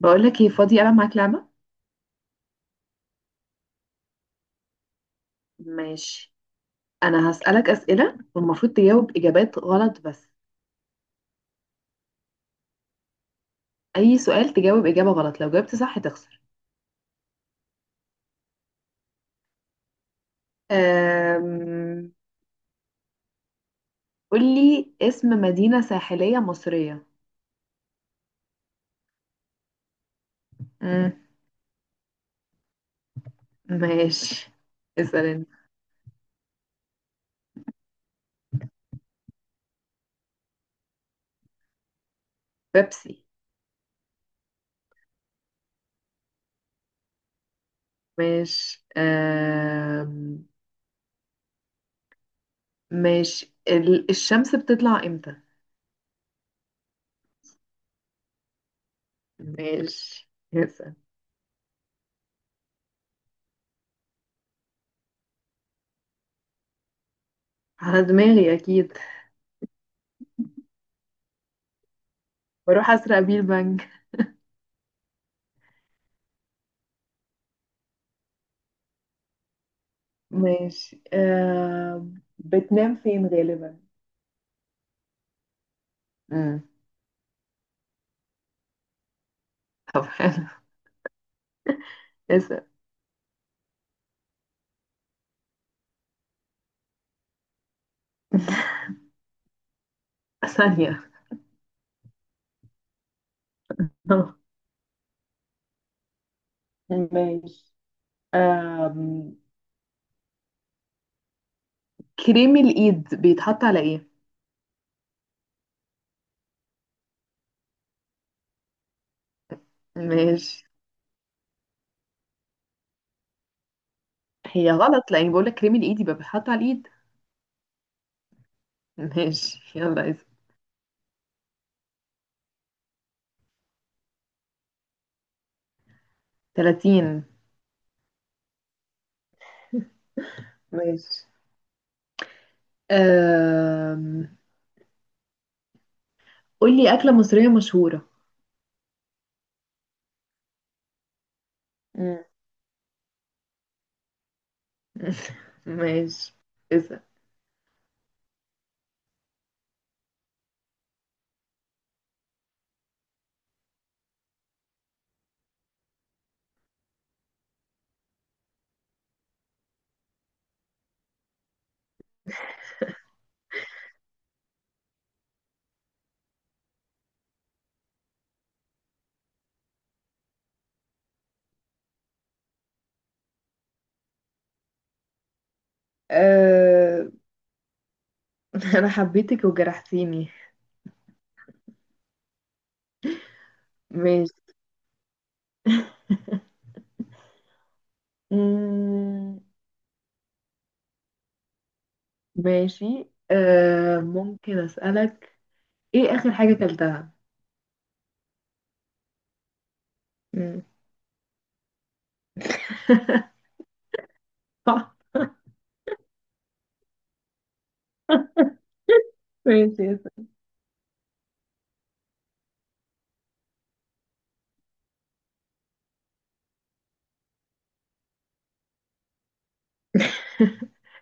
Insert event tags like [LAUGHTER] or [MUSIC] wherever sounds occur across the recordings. بقولك ايه فاضي ألعب معاك لعبة؟ ماشي. أنا هسألك أسئلة والمفروض تجاوب إجابات غلط بس. أي سؤال تجاوب إجابة غلط، لو جاوبت صح تخسر. أم... قولي اسم مدينة ساحلية مصرية. مم. ماشي. اسأل انت. بيبسي. ماشي. ماشي. الشمس بتطلع امتى؟ ماشي، اسأل. على دماغي أكيد. بروح أسرق بيه البنك. ماشي. بتنام فين غالبا؟ امم طب حلو. اسأل. ثانية. [LAUGHS] ماشي. آم... كريم الإيد بيتحط على إيه؟ ماشي. هي غلط لأني بقولك كريم الإيد يبقى بيتحط على الإيد. ماشي يلا اسأل. 30. ماشي. أم... قولي أكلة مصرية مشهورة. مم. [LAUGHS] ماشي. اسأل. آه... [LAUGHS] أنا حبيتك وجرحتيني. ماشي. مم. ماشي، ممكن أسألك. إيه آخر حاجة أكلتها؟ مم. [LAUGHS] صح. ماشي، اسأل.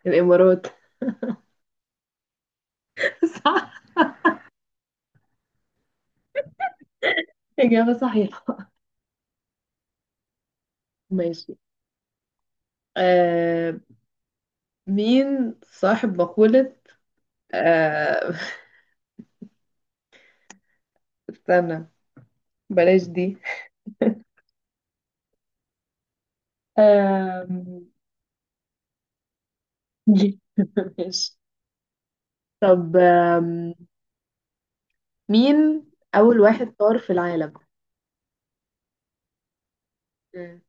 الإمارات. [LAUGHS] صح. إجابة صحيحة. ماشي. آه مين صاحب مقولة؟ آه [LAUGHS] استنى. بلاش دي. آم، دي. [LAUGHS] ماشي. طب مين أول واحد طار في العالم؟ مم.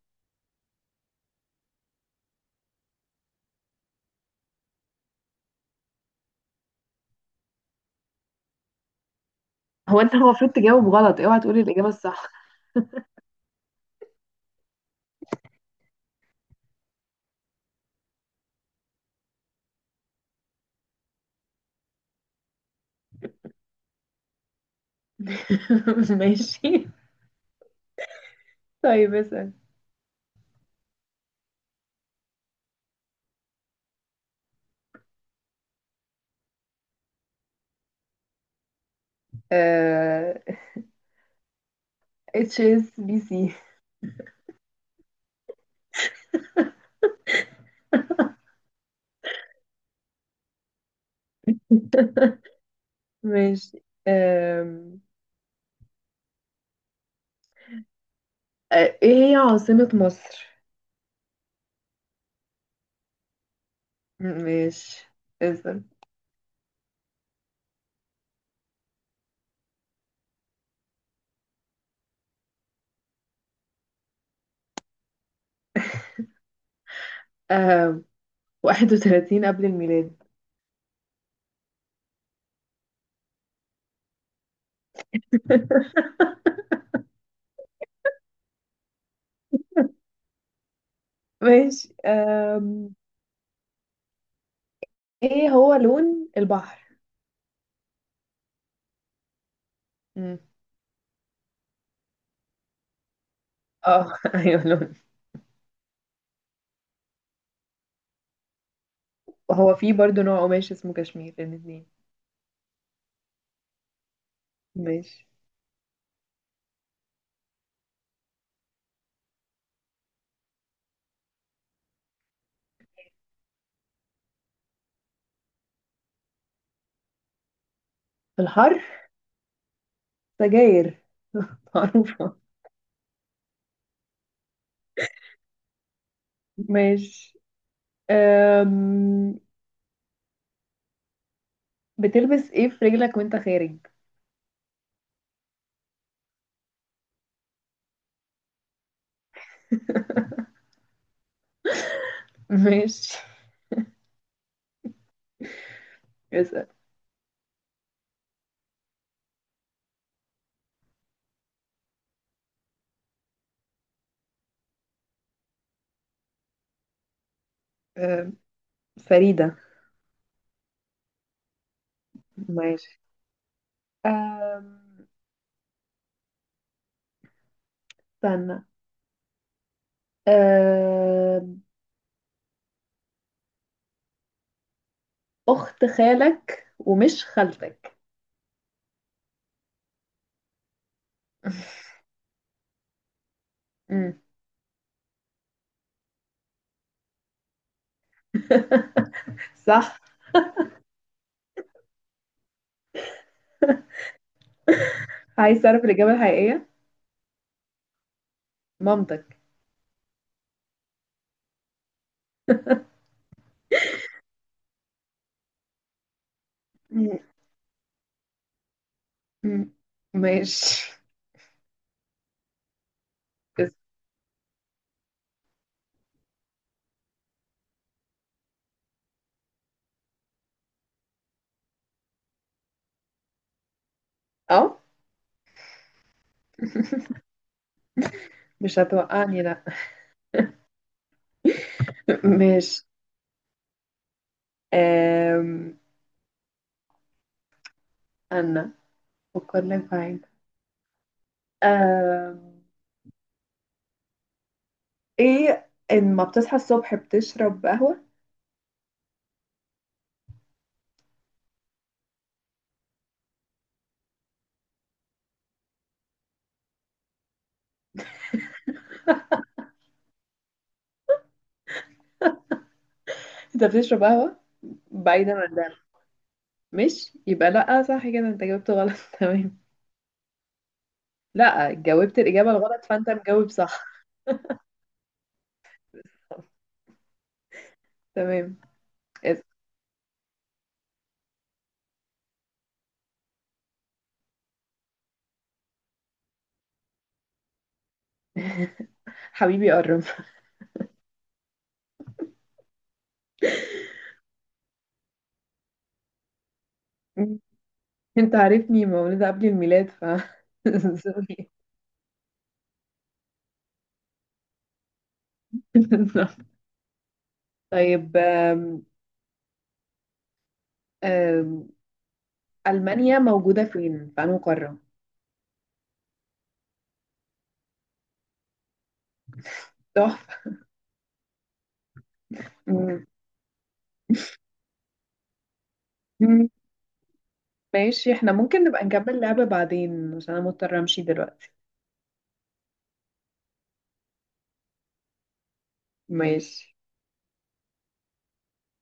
هو أنت المفروض تجاوب غلط، اوعى تقولي الإجابة الصح. [LAUGHS] ماشي. طيب اسأل. آه... اتش اس بي سي. ماشي، آم، آه، ايه هي عاصمة مصر؟ ماشي. اسم. 31 قبل الميلاد. [LAUGHS] ماشي. ايه هو لون البحر؟ مم. اه، [LAUGHS] ايوه لون. وهو في برضه نوع قماش اسمه كشمير الاثنين. ماشي. الحر. سجاير. [LAUGHS] معروفة. ماشي. أم... بتلبس ايه في رجلك وانت خارج؟ [LAUGHS] ماشي، اسأل. فريدة. ماشي. أم، استنى. أم، أخت خالك ومش خالتك. [LAUGHS] مم. صح. عايز تعرف الإجابة الحقيقية؟ مامتك. مم. مم. ماشي. بس- اه، مش هتوقعني لا. [LAUGHS] ماشي. أم، أنا أفكر لك في حاجة. أم، إيه لما بتصحى الصبح بتشرب قهوة؟ [LAUGHS] أنت بتشرب قهوة بعيدا عن ده. مش يبقى لأ، صح كده أنت جاوبت غلط. [LAUGHS] تمام. لا، جاوبت الإجابة الغلط فأنت مجاوب صح. [LAUGHS] تمام. اسأل. [LAUGHS] حبيبي قرب. [LAUGHS] انت عارفني مولودة قبل الميلاد ف. [LAUGHS] سوري. [LAUGHS] طيب آم، ألمانيا موجودة فين؟ في أنهي قارة؟ تحفة. [LAUGHS] مم. مم. ماشي، احنا ممكن نبقى نكمل لعبة بعدين عشان أنا مضطرة أمشي دلوقتي. ماشي.